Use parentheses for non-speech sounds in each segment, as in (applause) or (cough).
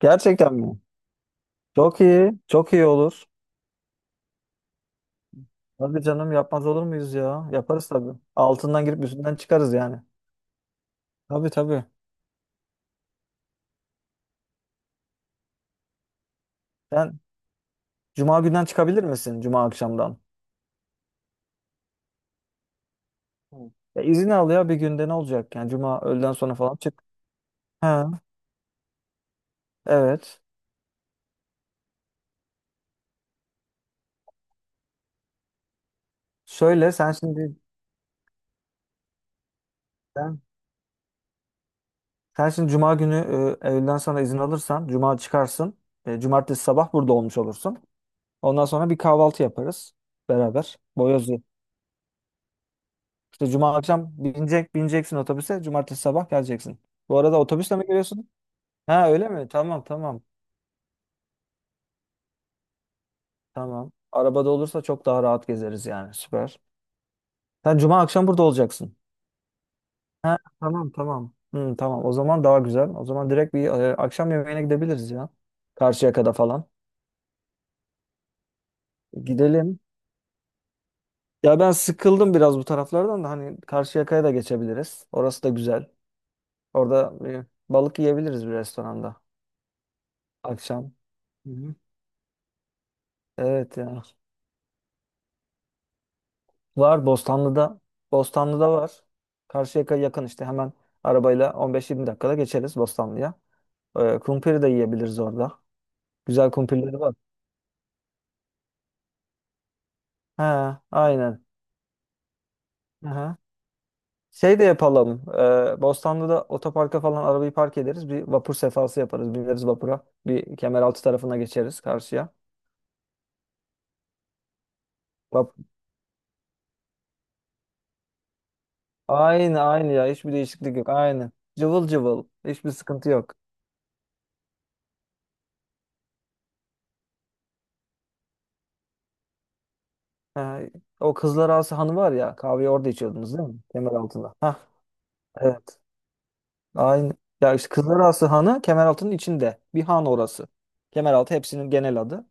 Gerçekten mi? Çok iyi. Çok iyi olur. Hadi canım, yapmaz olur muyuz ya? Yaparız tabii. Altından girip üstünden çıkarız yani. Tabii tabii. Sen cuma günden çıkabilir misin? Cuma akşamdan. Hı. Ya izin al, ya bir günde ne olacak? Yani cuma öğleden sonra falan çık. Ha, evet. Şöyle sen, sen şimdi cuma günü öğleden sonra izin alırsan cuma çıkarsın. E, cumartesi sabah burada olmuş olursun. Ondan sonra bir kahvaltı yaparız beraber. Boyoz. İşte cuma akşam bineceksin otobüse. Cumartesi sabah geleceksin. Bu arada otobüsle mi geliyorsun? Ha, öyle mi? Tamam tamam. Tamam. Arabada olursa çok daha rahat gezeriz yani. Süper. Sen cuma akşam burada olacaksın. Ha, tamam tamam. Hı, tamam, o zaman daha güzel. O zaman direkt bir akşam yemeğine gidebiliriz ya. Karşıyaka'da falan. Gidelim. Ya, ben sıkıldım biraz bu taraflardan da, hani Karşıyaka'ya da geçebiliriz. Orası da güzel. Orada balık yiyebiliriz bir restoranda akşam. Hı hı. Evet ya. Var Bostanlı'da. Bostanlı'da var. Karşıyaka yakın işte, hemen arabayla 15-20 dakikada geçeriz Bostanlı'ya. Kumpiri de yiyebiliriz orada. Güzel kumpirleri var. He, aynen. Aha. Şey de yapalım. Bostanlı'da otoparka falan arabayı park ederiz. Bir vapur sefası yaparız. Bineriz vapura. Bir Kemeraltı tarafına geçeriz karşıya. Vap Aynı aynı ya. Hiçbir değişiklik yok. Aynı. Cıvıl cıvıl. Hiçbir sıkıntı yok. Ha, o Kızlar Ağası Hanı var ya. Kahveyi orada içiyordunuz değil mi? Kemeraltı'nda. Ha, evet. Aynı. Ya işte Kızlarası Hanı Kemeraltı'nın içinde. Bir han orası. Kemeraltı hepsinin genel adı.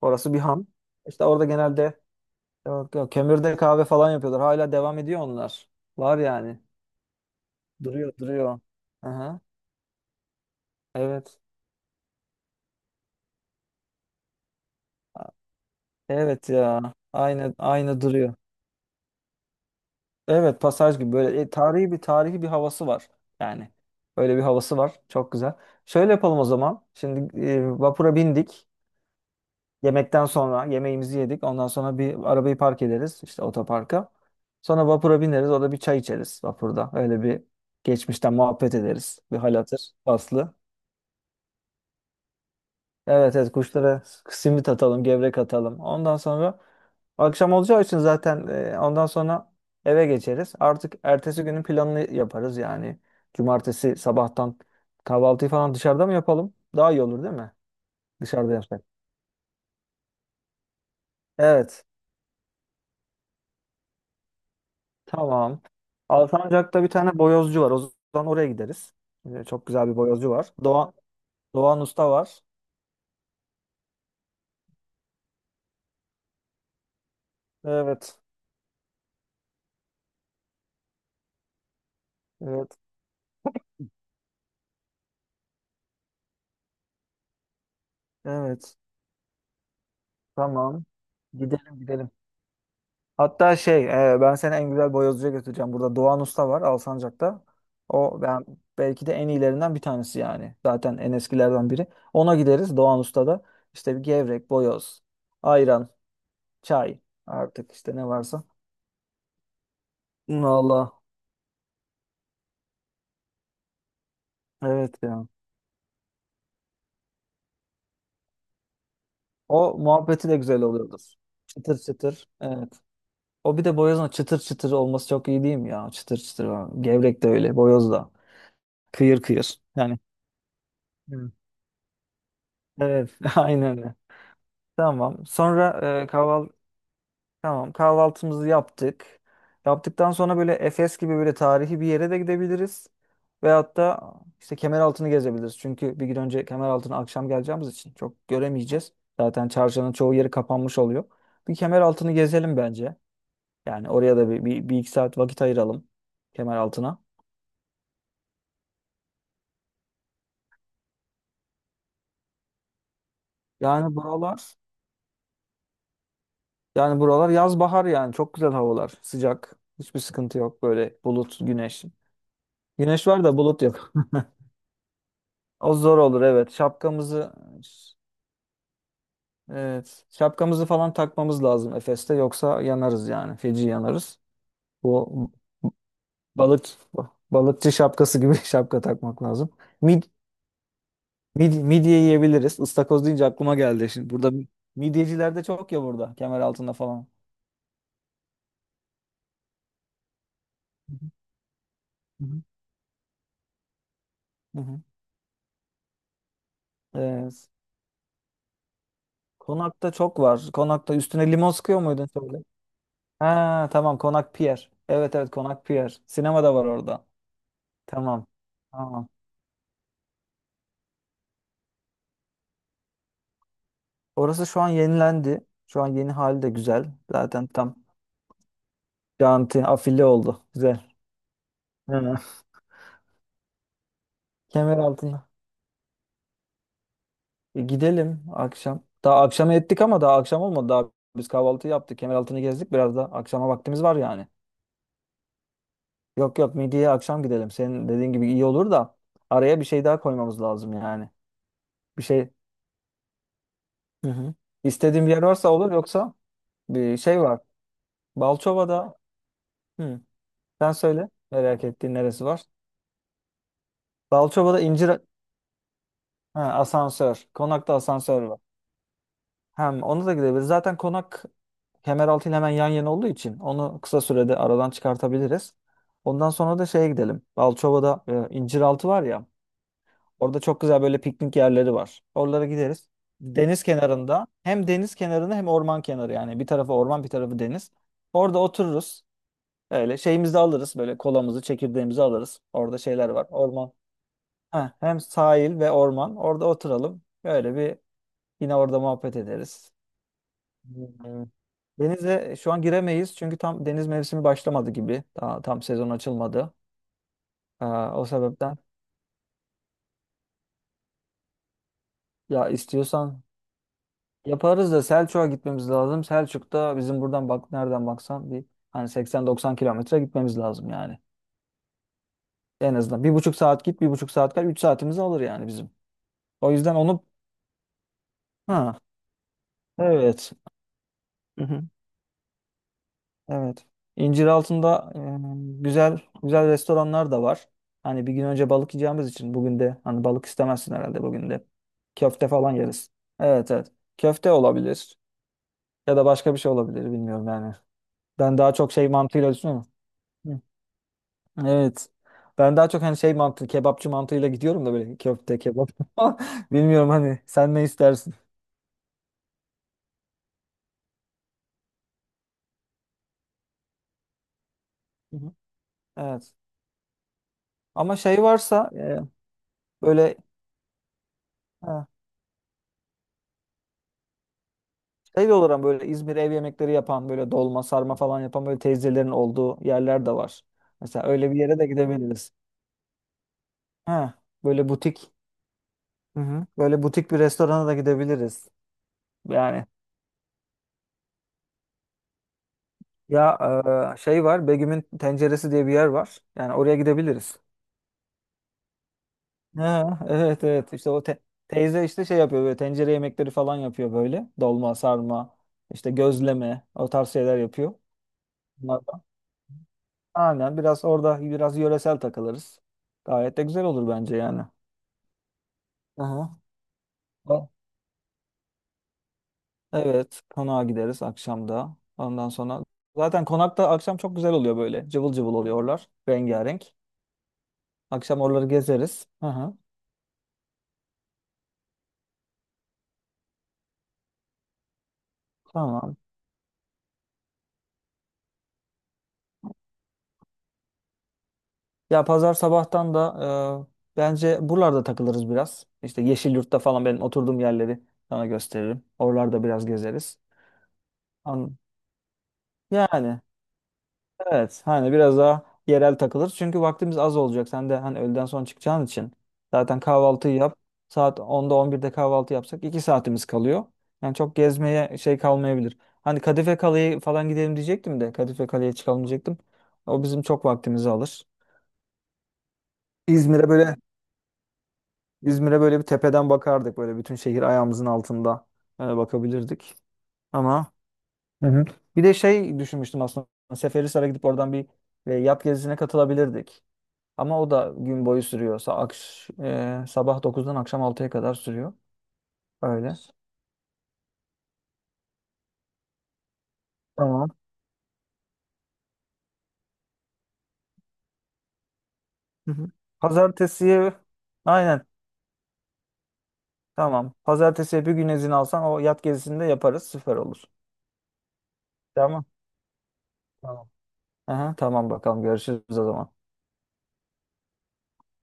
Orası bir han. İşte orada genelde, yok, yok, kömürde kahve falan yapıyorlar. Hala devam ediyor onlar. Var yani. Duruyor duruyor. Aha, evet. Evet ya. Aynı aynı duruyor. Evet, pasaj gibi böyle tarihi bir havası var. Yani öyle bir havası var. Çok güzel. Şöyle yapalım o zaman. Şimdi vapura bindik. Yemekten sonra yemeğimizi yedik. Ondan sonra bir arabayı park ederiz işte otoparka. Sonra vapura bineriz. Orada bir çay içeriz vapurda. Öyle bir geçmişten muhabbet ederiz. Bir hal hatır aslı. Evet evet, kuşlara simit atalım, gevrek atalım. Ondan sonra akşam olacağı için zaten ondan sonra eve geçeriz. Artık ertesi günün planını yaparız yani. Cumartesi sabahtan kahvaltıyı falan dışarıda mı yapalım? Daha iyi olur değil mi? Dışarıda yapsak. Evet. Tamam. Alsancak'ta bir tane boyozcu var. O zaman oraya gideriz. Çok güzel bir boyozcu var. Doğan Usta var. Evet. Evet. Evet. Tamam. Gidelim gidelim. Hatta şey ben seni en güzel boyozcuya götüreceğim. Burada Doğan Usta var Alsancak'ta. O, ben belki de en iyilerinden bir tanesi yani. Zaten en eskilerden biri. Ona gideriz, Doğan Usta'da. İşte bir gevrek, boyoz, ayran, çay, artık işte ne varsa. Valla evet ya. O muhabbeti de güzel oluyordur. Çıtır çıtır. Evet. O, bir de boyozun çıtır çıtır olması çok iyi değil mi ya? Çıtır çıtır falan. Gevrek de öyle. Boyoz da. Kıyır kıyır. Yani. Evet. Evet. (laughs) Aynen öyle. Tamam. Sonra e, kahval tamam, kahvaltımızı yaptık. Yaptıktan sonra böyle Efes gibi böyle tarihi bir yere de gidebiliriz. Veyahut da işte Kemeraltı'nı gezebiliriz. Çünkü bir gün önce Kemeraltı'na akşam geleceğimiz için çok göremeyeceğiz. Zaten çarşının çoğu yeri kapanmış oluyor. Bir Kemeraltı'nı gezelim bence. Yani oraya da bir iki saat vakit ayıralım Kemeraltı'na. Yani buralar Yani buralar yaz bahar, yani çok güzel havalar. Sıcak. Hiçbir sıkıntı yok böyle, bulut, güneş. Güneş var da bulut yok. O zor olur, evet. Evet, şapkamızı falan takmamız lazım Efes'te, yoksa yanarız yani. Feci yanarız. Bu balık balıkçı şapkası gibi (laughs) şapka takmak lazım. Mid, Midye yiyebiliriz. Istakoz deyince aklıma geldi şimdi. Burada midyeciler de çok ya, burada Kemeraltı'nda falan. Hı hı. Hı hı. Evet. Konak'ta çok var. Konak'ta üstüne limon sıkıyor muydun şöyle? Ha, tamam, Konak Pier. Evet evet, Konak Pier. Sinema da var orada. Tamam. Tamam. Orası şu an yenilendi. Şu an yeni hali de güzel. Zaten tam janti afili oldu. Güzel. Hı. Kemeraltı. E, gidelim akşam. Daha akşama ettik ama daha akşam olmadı. Daha biz kahvaltı yaptık. Kemeraltı'nı gezdik. Biraz da akşama vaktimiz var yani. Yok yok, midyeye akşam gidelim. Senin dediğin gibi iyi olur da araya bir şey daha koymamız lazım yani. Bir şey Hı hı. istediğim bir yer varsa olur, yoksa bir şey var. Balçova'da, hı, sen söyle, merak ettiğin neresi var? Balçova'da incir Ha, asansör. Konakta asansör var. Hem onu da gidebiliriz. Zaten konak Kemeraltı ile hemen yan yana olduğu için onu kısa sürede aradan çıkartabiliriz. Ondan sonra da şeye gidelim. Balçova'da inciraltı var ya. Orada çok güzel böyle piknik yerleri var. Oralara gideriz. Deniz kenarında Hem deniz kenarında hem orman kenarı yani. Bir tarafı orman, bir tarafı deniz. Orada otururuz. Öyle şeyimizi de alırız, böyle kolamızı çekirdeğimizi alırız. Orada şeyler var, orman. Heh, hem sahil ve orman, orada oturalım. Böyle bir, yine orada muhabbet ederiz. Hmm. Denize şu an giremeyiz çünkü tam deniz mevsimi başlamadı gibi. Daha tam sezon açılmadı. O sebepten, ya istiyorsan yaparız da, Selçuk'a gitmemiz lazım. Selçuk'ta bizim buradan bak, nereden baksan bir, hani 80-90 kilometre gitmemiz lazım yani. En azından bir buçuk saat git, bir buçuk saat kal, üç saatimizi alır yani bizim. O yüzden onu Ha, evet. Hı hı. Evet. İnciraltı'nda güzel güzel restoranlar da var. Hani bir gün önce balık yiyeceğimiz için bugün de, hani, balık istemezsin herhalde bugün de. Köfte falan yeriz. Evet evet. Köfte olabilir ya da başka bir şey olabilir, bilmiyorum yani. Ben daha çok şey mantığıyla düşünüyorum. Evet. Ben daha çok hani şey mantığı, kebapçı mantığıyla gidiyorum da böyle, köfte, kebap. (laughs) Bilmiyorum, hani sen ne istersin? Hı hı. Evet. Ama şey varsa böyle, ha, şey de olur ama, böyle İzmir ev yemekleri yapan, böyle dolma, sarma falan yapan, böyle teyzelerin olduğu yerler de var. Mesela öyle bir yere de gidebiliriz. Ha, böyle butik. Hı hı. Böyle butik bir restorana da gidebiliriz. Yani, ya, şey var, Begüm'ün Tenceresi diye bir yer var. Yani oraya gidebiliriz. Ha, evet evet, işte o teyze, işte şey yapıyor, böyle tencere yemekleri falan yapıyor böyle. Dolma, sarma, işte gözleme, o tarz şeyler yapıyor. Bunlardan. Aynen, biraz orada biraz yöresel takılırız. Gayet de güzel olur bence yani. Aha. O- Evet, konağa gideriz akşamda. Ondan sonra zaten konakta akşam çok güzel oluyor böyle. Cıvıl cıvıl oluyorlar, rengarenk. Akşam oraları gezeriz. Aha. Tamam. Ya pazar sabahtan da bence buralarda takılırız biraz. İşte Yeşilyurt'ta falan benim oturduğum yerleri sana gösteririm. Oralarda biraz gezeriz. An Yani, evet, hani biraz daha yerel takılırız. Çünkü vaktimiz az olacak. Sen de hani öğleden sonra çıkacağın için zaten kahvaltıyı yap. Saat 10'da 11'de kahvaltı yapsak 2 saatimiz kalıyor. Yani çok gezmeye şey kalmayabilir. Hani Kadife Kale'ye falan gidelim diyecektim de Kadife Kale'ye çıkalım diyecektim. O bizim çok vaktimizi alır. İzmir'e böyle İzmir'e böyle bir tepeden bakardık. Böyle bütün şehir ayağımızın altında bakabilirdik. Ama, hı hı, bir de şey düşünmüştüm aslında. Seferihisar'a gidip oradan bir yat gezisine katılabilirdik. Ama o da gün boyu sürüyor. Sabah 9'dan akşam 6'ya kadar sürüyor. Öyle. Tamam. Hı hı. Pazartesiye aynen. Tamam. Pazartesiye bir gün izin alsan o yat gezisini de yaparız. Süper olur. Tamam. Tamam. Aha, tamam bakalım. Görüşürüz o zaman.